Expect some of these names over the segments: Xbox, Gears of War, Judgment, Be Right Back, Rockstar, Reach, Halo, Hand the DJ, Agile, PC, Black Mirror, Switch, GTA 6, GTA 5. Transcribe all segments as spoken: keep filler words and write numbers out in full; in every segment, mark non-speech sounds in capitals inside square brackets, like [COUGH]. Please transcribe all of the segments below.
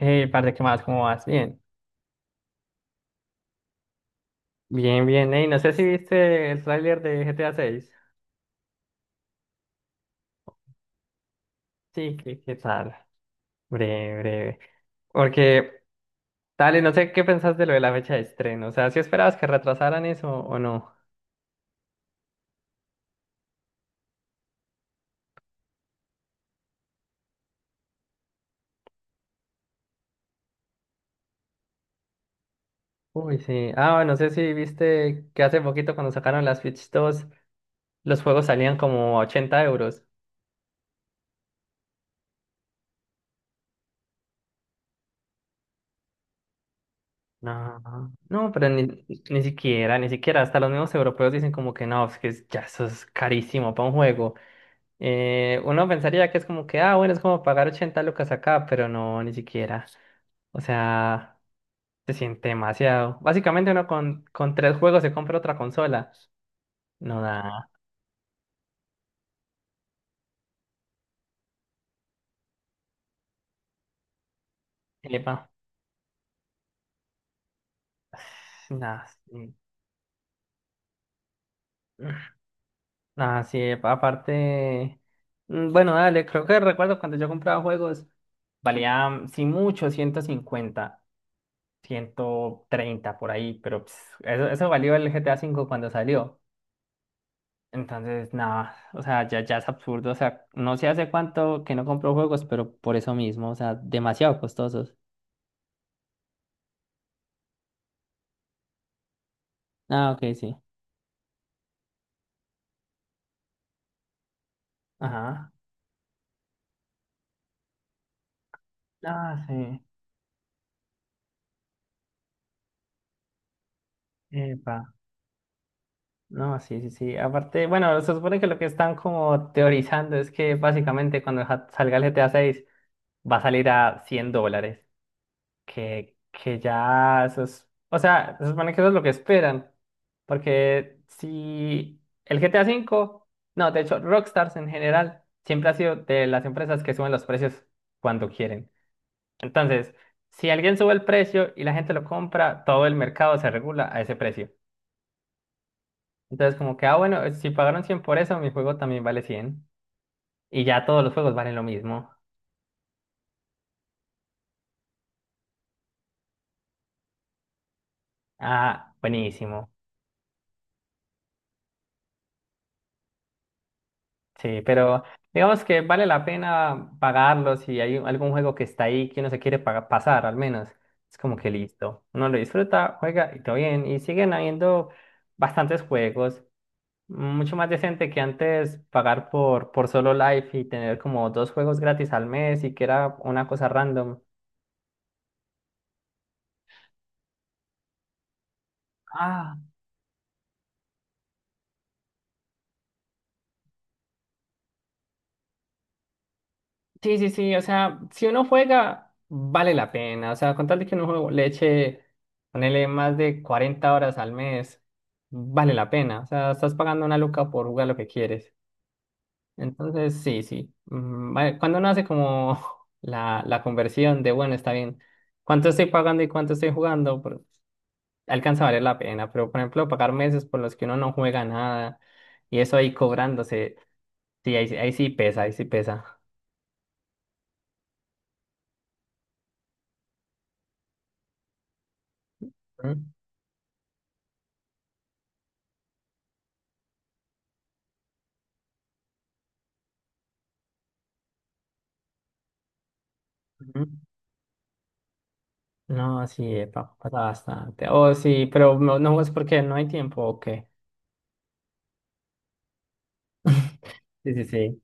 Hey, parce, ¿qué más? ¿Cómo vas? Bien. Bien, bien. Hey, no sé si viste el tráiler de G T A seis. Sí, ¿qué, qué tal? Breve, breve. Porque, dale, no sé qué pensás de lo de la fecha de estreno. ¿O sea, si esperabas que retrasaran eso o no? Uy, sí. Ah, no sé si viste que hace poquito cuando sacaron las Switch dos los juegos salían como a ochenta euros. No, no, pero ni, ni siquiera, ni siquiera. Hasta los mismos europeos dicen como que no, es que ya eso es carísimo para un juego. Eh, uno pensaría que es como que, ah, bueno, es como pagar ochenta lucas acá, pero no, ni siquiera. O sea, se siente demasiado. Básicamente uno con, con tres juegos se compra otra consola. No da, epa, nada, sí, nada, sí, epa, aparte, mm, bueno, dale, creo que recuerdo cuando yo compraba juegos, valía, sí mucho, ciento cincuenta ciento treinta por ahí, pero pues, eso, eso valió el G T A cinco cuando salió. Entonces, nada, o sea, ya, ya es absurdo. O sea, no sé hace cuánto que no compro juegos, pero por eso mismo, o sea, demasiado costosos. Ah, ok, sí. Ajá. Ah, sí. Epa. No, sí, sí, sí. Aparte, bueno, se supone que lo que están como teorizando es que básicamente cuando ja- salga el G T A seis va a salir a cien dólares. que, que ya eso es, o sea, se supone que eso es lo que esperan, porque si el G T A cinco no, de hecho, Rockstars en general siempre ha sido de las empresas que suben los precios cuando quieren. Entonces, si alguien sube el precio y la gente lo compra, todo el mercado se regula a ese precio. Entonces, como que, ah, bueno, eh, si pagaron cien por eso, mi juego también vale cien y ya todos los juegos valen lo mismo. Ah, buenísimo. Sí, pero digamos que vale la pena pagarlo si hay un- algún juego que está ahí que uno se quiere paga- pasar, al menos. Es como que listo. Uno lo disfruta, juega y todo bien. Y siguen habiendo bastantes juegos. Mucho más decente que antes pagar por, por solo Life y tener como dos juegos gratis al mes y que era una cosa random. Ah, sí, sí, sí, o sea, si uno juega, vale la pena, o sea, con tal de que uno juego le eche, ponele más de cuarenta horas al mes, vale la pena, o sea, estás pagando una luca por jugar lo que quieres. Entonces, sí, sí, mm, vale, cuando uno hace como [LAUGHS] la, la conversión de, bueno, está bien, ¿cuánto estoy pagando y cuánto estoy jugando? Por- alcanza a valer la pena, pero por ejemplo, pagar meses por los que uno no juega nada y eso ahí cobrándose, sí, ahí, ahí sí pesa, ahí sí pesa. Ujú. Ujú. No, sí, epa, pasa bastante. Oh, sí, pero no, no es porque no hay tiempo, ¿o qué? [LAUGHS] Sí, sí, sí.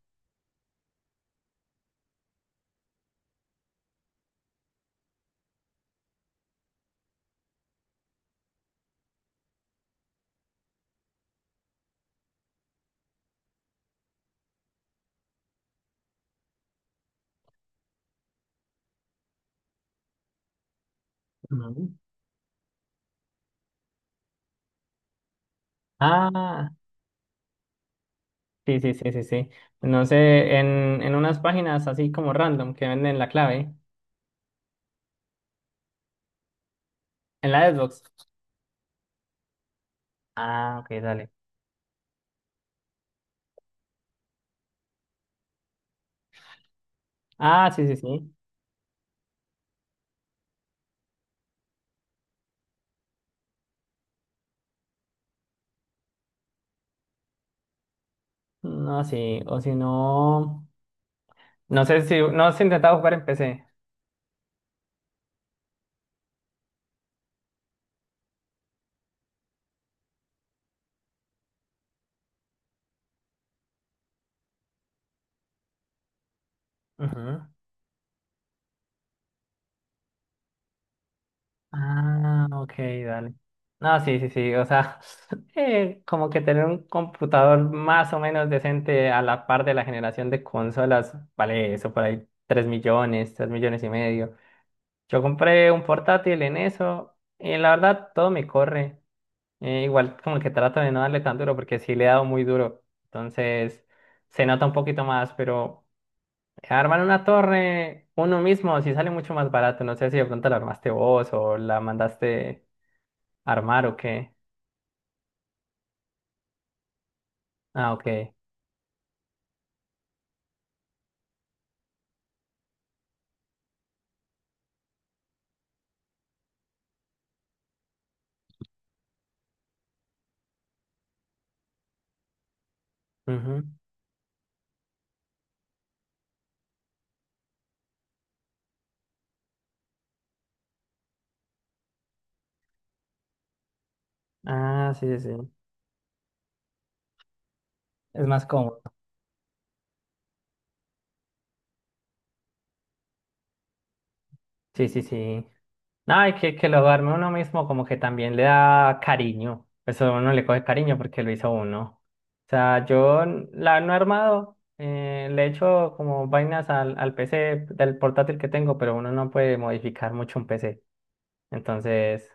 Ujú. Ah, sí, sí, sí, sí, sí. No sé, en, en unas páginas así como random que venden la clave, en la Xbox. Ah, ok, dale. Ah, sí, sí, sí. No, sí, o si no, no sé si, no has intentado jugar en P C. Ujú. Ah, ok, dale. No, sí, sí, sí, o sea, [LAUGHS] eh, como que tener un computador más o menos decente a la par de la generación de consolas, vale eso por ahí, tres millones, tres millones y medio. Yo compré un portátil en eso y la verdad todo me corre. Eh, igual como que trato de no darle tan duro porque sí le he dado muy duro, entonces se nota un poquito más, pero armar una torre uno mismo sí sale mucho más barato. No sé si de pronto la armaste vos o la mandaste. ¿Armar o qué? Ah, ok. Ujú. Ah, sí, sí, sí. Es más cómodo. Sí, sí, sí. No, y que, que lo arme uno mismo como que también le da cariño. Eso uno le coge cariño porque lo hizo uno. O sea, yo n- la no he armado, eh, le he hecho como vainas al, al, P C del portátil que tengo, pero uno no puede modificar mucho un P C. Entonces,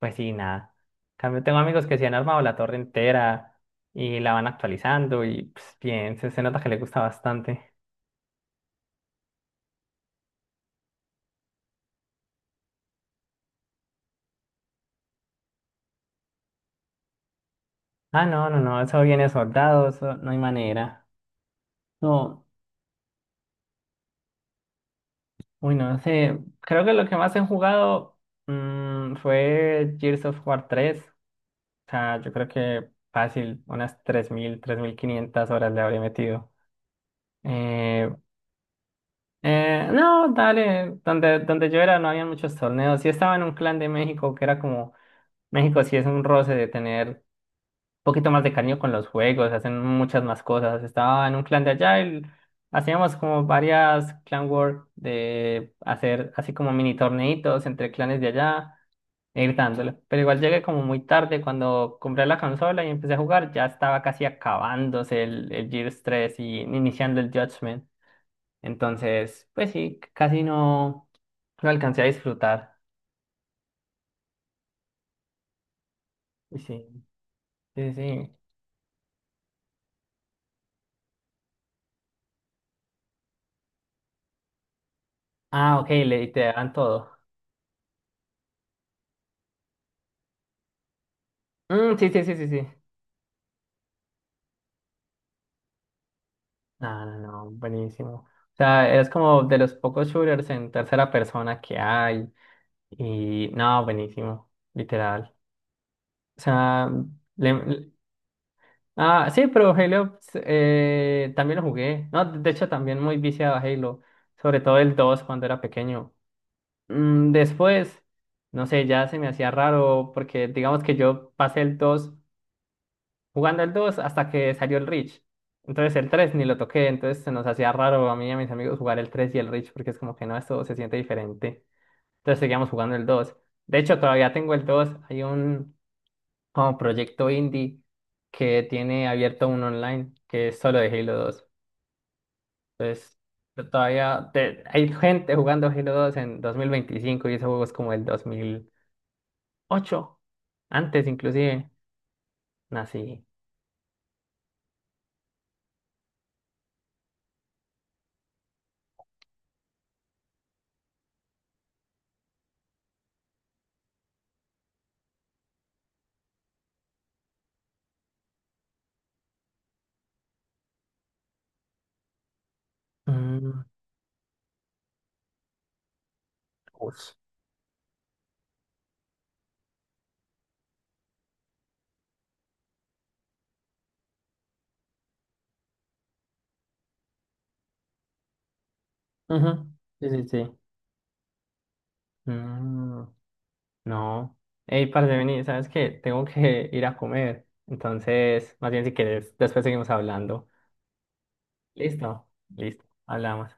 pues sí, nada. En cambio, tengo amigos que sí han armado la torre entera y la van actualizando y pues, bien, se, se nota que le gusta bastante. Ah, no, no, no, eso viene soldado, eso no hay manera. No, uy, no sé. Creo que lo que más he jugado mm, fue Gears of War tres. O sea, yo creo que fácil, unas tres tres mil tres mil quinientas horas le habría metido. Eh, eh, no, dale, donde, donde yo era no había muchos torneos. Sí estaba en un clan de México que era como, México sí es un roce de tener poquito más de cariño con los juegos, hacen muchas más cosas. Estaba en un clan de Agile, hacíamos como varias clan war de hacer así como mini torneitos entre clanes de allá e ir dándole. Pero igual llegué como muy tarde cuando compré la consola y empecé a jugar, ya estaba casi acabándose el, el Gears tres y iniciando el Judgment. Entonces, pues sí, c- casi no, no alcancé a disfrutar. Y sí, sí, sí. Ah, ok, le te dan todo. Mm, sí, sí, sí, sí, sí. No, no, no, buenísimo. O sea, es como de los pocos shooters en tercera persona que hay. Y no, buenísimo, literal. O sea, le- le- ah, sí, pero Halo eh, también lo jugué. No, de hecho, también muy viciado a Halo, sobre todo el dos cuando era pequeño. Mm, después, no sé, ya se me hacía raro porque digamos que yo pasé el dos jugando el dos hasta que salió el Reach. Entonces el tres ni lo toqué, entonces se nos hacía raro a mí y a mis amigos jugar el tres y el Reach porque es como que no, esto se siente diferente. Entonces seguíamos jugando el dos. De hecho, todavía tengo el dos. Hay un como proyecto indie que tiene abierto un online que es solo de Halo dos. Entonces yo todavía te- hay gente jugando Halo dos en dos mil veinticinco y ese juego es como el dos mil ocho. Antes inclusive. Así. Mm, ush. Ujú. Sí, sí, sí. Mm, no. Ey, parce, vení, ¿sabes qué? Tengo que [LAUGHS] ir a comer. Entonces, más bien si quieres, después seguimos hablando. Listo, listo, hablamos.